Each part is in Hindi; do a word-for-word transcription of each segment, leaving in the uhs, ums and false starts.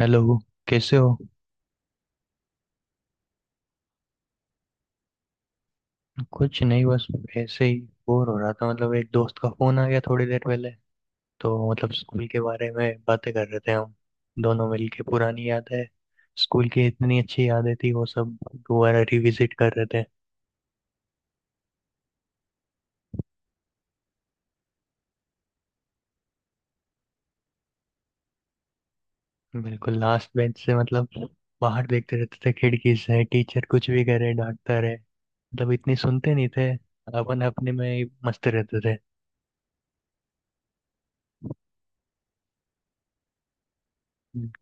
हेलो, कैसे हो। कुछ नहीं, बस ऐसे ही बोर हो रहा था। मतलब एक दोस्त का फोन आ गया थोड़ी देर पहले, तो मतलब स्कूल के बारे में बातें कर रहे थे हम दोनों मिलके। पुरानी यादें, स्कूल की इतनी अच्छी यादें थी, वो सब दोबारा रिविजिट कर रहे थे। बिल्कुल लास्ट बेंच से, मतलब बाहर देखते रहते थे खिड़की से। टीचर कुछ भी करे, डांटता रहे, मतलब इतनी सुनते नहीं थे। अपन अपने में ही मस्त रहते थे।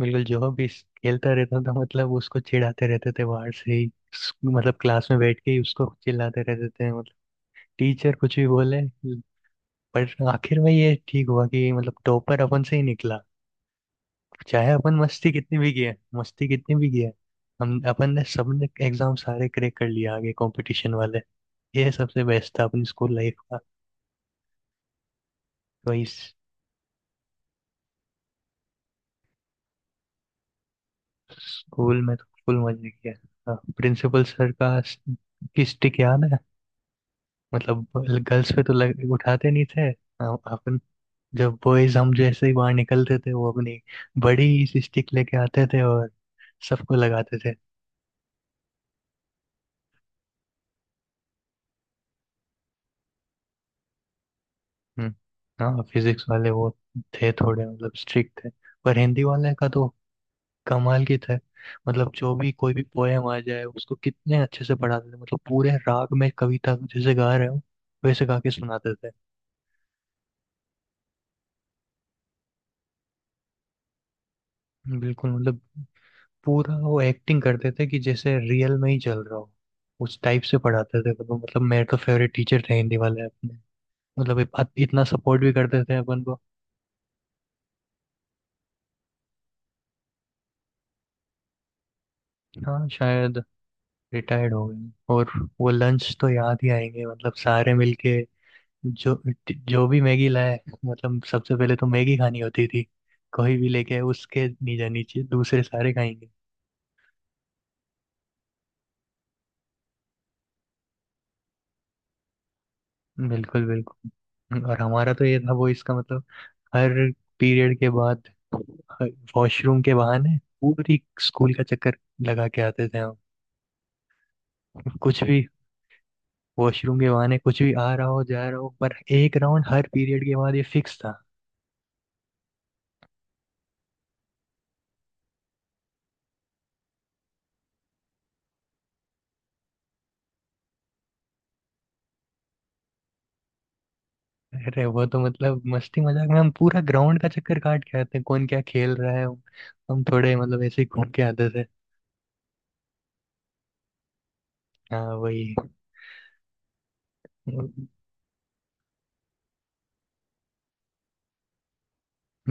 बिल्कुल, जो भी खेलता रहता था मतलब उसको चिढ़ाते रहते थे बाहर से ही। स- मतलब क्लास में बैठ के ही उसको चिल्लाते रहते थे। मतलब टीचर कुछ भी बोले, पर आखिर में ये ठीक हुआ कि मतलब टॉपर अपन से ही निकला। चाहे अपन मस्ती कितनी भी किए, मस्ती कितनी भी किए, हम अपन ने सबने एग्जाम सारे क्रैक कर लिए आगे कंपटीशन वाले। ये सबसे बेस्ट था अपनी स्कूल लाइफ का। वही, स्कूल में तो फुल मजे किया। प्रिंसिपल सर का स- की स्टिक याद है, मतलब गर्ल्स पे तो लग, उठाते नहीं थे। हम- अपन जब बॉयज, हम जैसे ही बाहर निकलते थे, वो अपनी बड़ी सी स्टिक लेके आते थे और सबको लगाते थे। हम्म। हाँ, फिजिक्स वाले वो थे थोड़े मतलब स्ट्रिक्ट थे। पर हिंदी वाले का तो कमाल की थे। मतलब जो भी, कोई भी पोएम आ जाए, उसको कितने अच्छे से पढ़ाते थे। मतलब पूरे राग में कविता जैसे गा रहे हो, वैसे गा के सुनाते थे। बिल्कुल मतलब पूरा वो एक्टिंग करते थे कि जैसे रियल में ही चल रहा हो, उस टाइप से पढ़ाते थे। मतलब मतलब मेरे तो फेवरेट टीचर थे हिंदी वाले अपने। मतलब इत- इतना सपोर्ट भी करते थे अपन को। हाँ शायद रिटायर्ड हो गए। और वो लंच तो याद ही आएंगे, मतलब सारे मिलके जो, जो भी मैगी लाए, मतलब सबसे पहले तो मैगी खानी होती थी। कोई भी लेके उसके नहीं जानी चाहिए, दूसरे सारे खाएंगे। बिल्कुल बिल्कुल और हमारा तो ये था, वो इसका मतलब हर पीरियड के बाद वॉशरूम के बहाने पूरी स्कूल का चक्कर लगा के आते थे हम। कुछ भी, वॉशरूम के बहाने कुछ भी, आ रहा हो जा रहा हो, पर एक राउंड हर पीरियड के बाद ये फिक्स था। अरे वो तो मतलब मस्ती मजाक में हम पूरा ग्राउंड का चक्कर काट के आते हैं, कौन क्या खेल रहा है। हम थोड़े मतलब ऐसे ही घूम के आते थे। हाँ वही।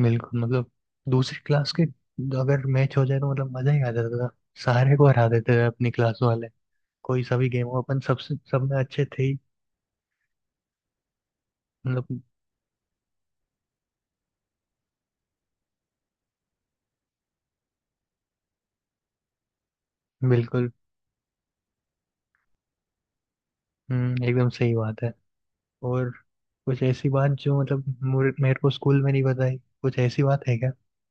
बिल्कुल मतलब दूसरी क्लास के अगर मैच हो जाए तो मतलब मजा ही आ जाता था। सारे को हरा देते थे अपनी क्लास वाले। कोई सभी गेम हो, अपन सबसे, सब में अच्छे थे ही। मतलब बिल्कुल। हम्म, एकदम सही बात है। और कुछ ऐसी बात जो मतलब मुझे- मेरे को स्कूल में नहीं बताई, कुछ ऐसी बात है क्या?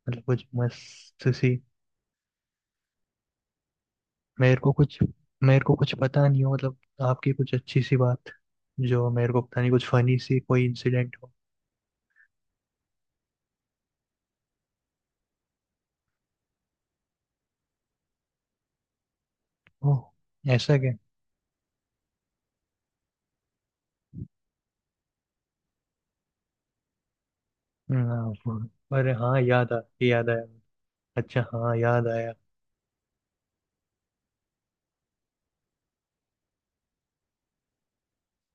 मतलब कुछ मस्त सी, मेरे को कुछ, मेरे को कुछ पता नहीं हो, मतलब आपकी कुछ अच्छी सी बात जो मेरे को पता नहीं, कुछ फनी सी कोई इंसिडेंट हो। ओह, ऐसा क्या। हाँ, वो- अरे हाँ, याद आ याद आया। अच्छा हाँ, याद आया।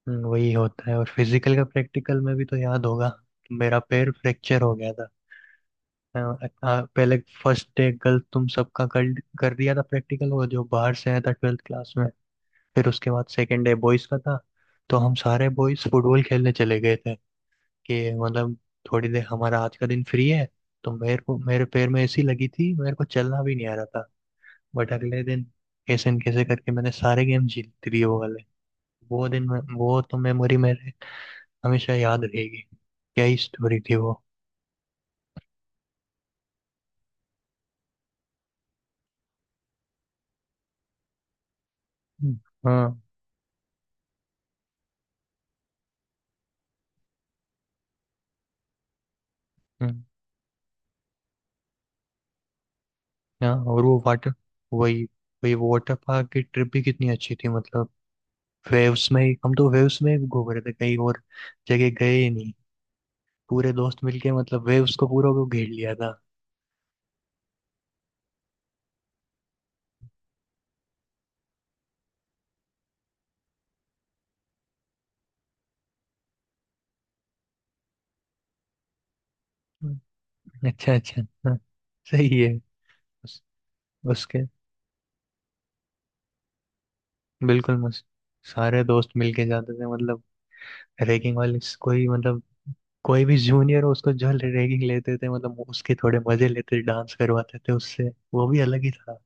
हम्म, वही होता है। और फिजिकल का प्रैक्टिकल में भी तो याद होगा, मेरा पैर फ्रैक्चर हो गया था। हाँ। हाँ, पहले फर्स्ट डे गलत तुम सबका कर कर दिया था प्रैक्टिकल, वो जो बाहर से आया था ट्वेल्थ क्लास में। फिर उसके बाद सेकेंड डे बॉयज का था, तो हम सारे बॉयज फुटबॉल खेलने चले गए थे। कि मतलब थोड़ी देर हमारा आज का दिन फ्री है। तो मेरे को, मेरे पैर में ऐसी लगी थी, मेरे को चलना भी नहीं आ रहा था। बट अगले दिन कैसे न कैसे करके मैंने सारे गेम जीत लिए वो वाले। वो दिन में वो तो मेमोरी मेरे हमेशा याद रहेगी। क्या ही स्टोरी थी वो। हम्म। हाँ। हम्म। हाँ, और वो वाटर, वही, वही वाटर पार्क की ट्रिप भी कितनी अच्छी थी, मतलब वेव्स में ही, हम तो वेव्स में ही घूम रहे थे, कहीं और जगह गए ही नहीं। पूरे दोस्त मिलके मतलब वेव्स को पूरा को घेर लिया था। हम्म। अच्छा अच्छा हाँ, सही है। उस, उसके, बिल्कुल मस्त, सारे दोस्त मिलके जाते थे। मतलब रैगिंग वाले स- कोई मतलब कोई भी जूनियर हो, उसको जो रैगिंग लेते थे, मतलब वो उसके थोड़े मजे लेते थे, डांस करवाते थे उससे। वो भी अलग ही था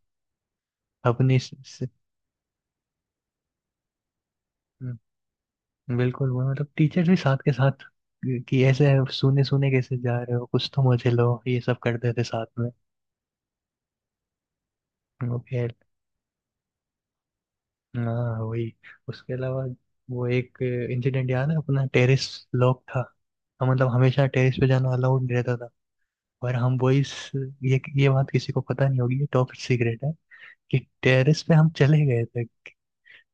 अपने स- स- हम्म, बिल्कुल वो मतलब टीचर भी साथ के साथ कि ऐसे सुने सुने कैसे जा रहे हो, कुछ तो मजे लो, ये सब करते थे साथ में। वो खेल, हाँ वही, उसके अलावा वो एक इंसिडेंट याद है अपना। टेरेस लॉक था, हम मतलब हमेशा टेरेस पे जाना अलाउड नहीं रहता था। पर हम बॉयज, ये ये बात किसी को पता नहीं होगी, ये टॉप सीक्रेट है कि टेरेस पे हम चले गए थे।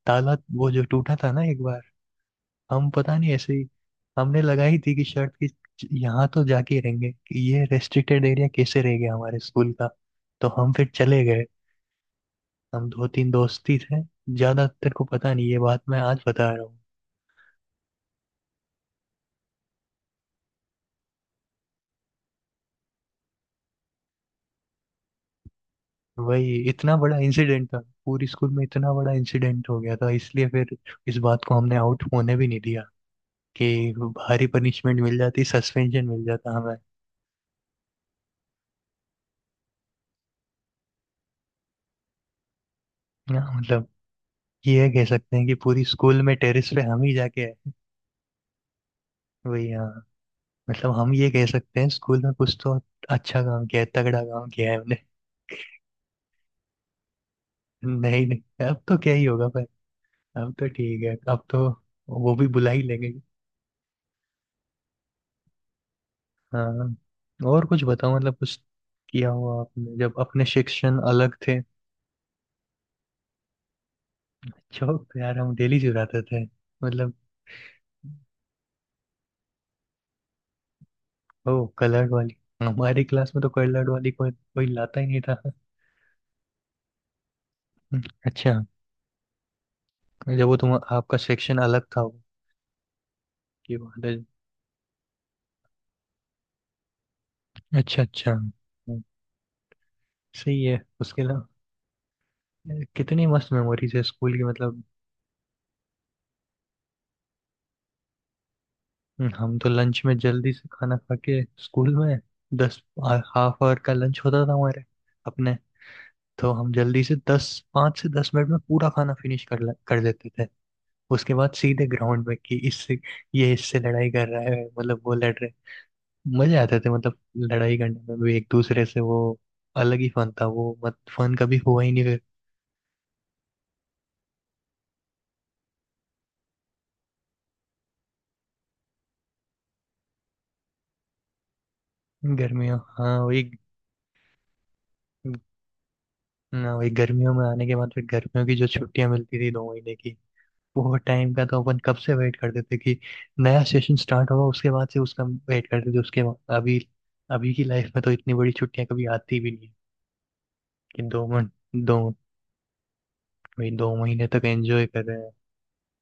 ताला वो जो टूटा था ना एक बार, हम पता नहीं ऐसे ही हमने लगाई थी कि शर्ट की, यहाँ तो जाके ही रहेंगे कि ये रेस्ट्रिक्टेड एरिया कैसे रह गया हमारे स्कूल का। तो हम फिर चले गए, हम दो तीन दोस्त ही थे, ज्यादा तेरे को पता नहीं, ये बात मैं आज बता रहा हूँ। वही, इतना बड़ा इंसिडेंट था, पूरी स्कूल में इतना बड़ा इंसिडेंट हो गया था, इसलिए फिर इस बात को हमने आउट होने भी नहीं दिया, कि भारी पनिशमेंट मिल जाती, सस्पेंशन मिल जाता हमें। ना मतलब ये कह सकते हैं कि पूरी स्कूल में टेरेस पे हम ही जाके आए। वही हाँ, मतलब हम ये कह सकते हैं स्कूल में कुछ तो अच्छा काम किया है, तगड़ा काम किया है हमने। नहीं नहीं, अब तो क्या ही होगा, पर अब तो ठीक है, अब तो वो भी बुला ही लेंगे। हाँ, और कुछ बताओ, मतलब कुछ किया हुआ आपने जब अपने शिक्षण अलग थे। चौक पे यार, हम डेली चुराते थे, मतलब। ओ कलर्ड वाली, हमारी क्लास में तो कलर्ड वाली कोई कोई लाता ही नहीं था। अच्छा, जब वो तुम, आपका सेक्शन अलग था की बात है। अच्छा अच्छा हम्म, सही है। उसके अलावा कितनी मस्त मेमोरीज है स्कूल की, मतलब। हम्म, हम तो लंच में जल्दी से खाना खा के स्कूल में, दस, हाफ आवर का लंच होता था हमारे अपने। तो हम जल्दी से दस, पाँच से दस मिनट में पूरा खाना फिनिश कर ले- कर लेते थे। उसके बाद सीधे ग्राउंड में कि इससे, ये इससे लड़ाई कर रहा है, मतलब वो लड़ रहे, मजे आते थे। मतलब लड़ाई करने में भी एक दूसरे से, वो अलग ही फन था, वो मत फन कभी हुआ ही नहीं फिर। गर्मियों, हाँ वही। ना वही, गर्मियों में आने के बाद फिर गर्मियों की जो छुट्टियां मिलती थी दो महीने की, वो टाइम का तो अपन कब से वेट करते थे कि नया सेशन स्टार्ट होगा उसके बाद से, उसका वेट करते थे उसके बाद। अभी, अभी की लाइफ में तो इतनी बड़ी छुट्टियां कभी आती भी नहीं, कि दो मन, दो, वही दो महीने तक एंजॉय कर रहे हैं।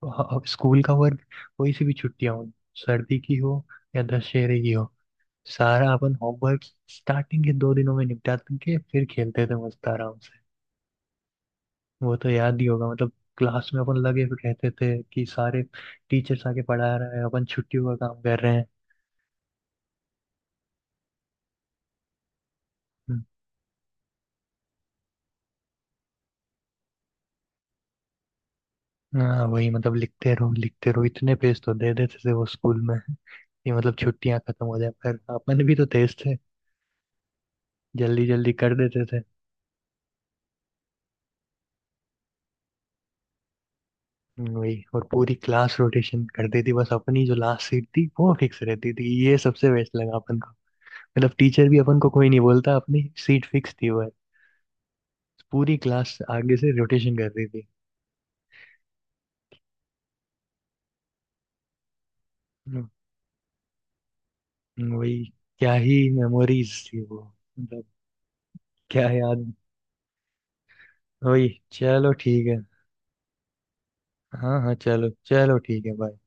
अब स्कूल का वर्क, कोई सी भी छुट्टियां हो, सर्दी की हो या दशहरे की हो, सारा अपन होमवर्क स्टार्टिंग के दो दिनों में निपटा के फिर खेलते थे मस्त आराम। वो तो याद ही होगा, मतलब क्लास में अपन लगे हुए कहते थे कि सारे टीचर्स आके पढ़ा रहे हैं, अपन छुट्टियों का काम कर रहे हैं। हम्म। हाँ वही, मतलब लिखते रहो लिखते रहो इतने पेज तो दे देते थे वो स्कूल में कि मतलब छुट्टियां खत्म हो जाए, पर अपन भी तो तेज थे, जल्दी जल्दी कर देते थे। हम्म, वही, और पूरी क्लास रोटेशन कर देती, बस अपनी जो लास्ट सीट थी वो फिक्स रहती थी, ये सबसे बेस्ट लगा अपन को। मतलब टीचर भी अपन को कोई नहीं बोलता, अपनी सीट फिक्स थी, वह पूरी क्लास आगे से रोटेशन कर रही थी। वही, क्या ही मेमोरीज थी वो, मतलब, क्या याद। वही चलो ठीक है। हाँ हाँ, चलो चलो, ठीक है, बाय।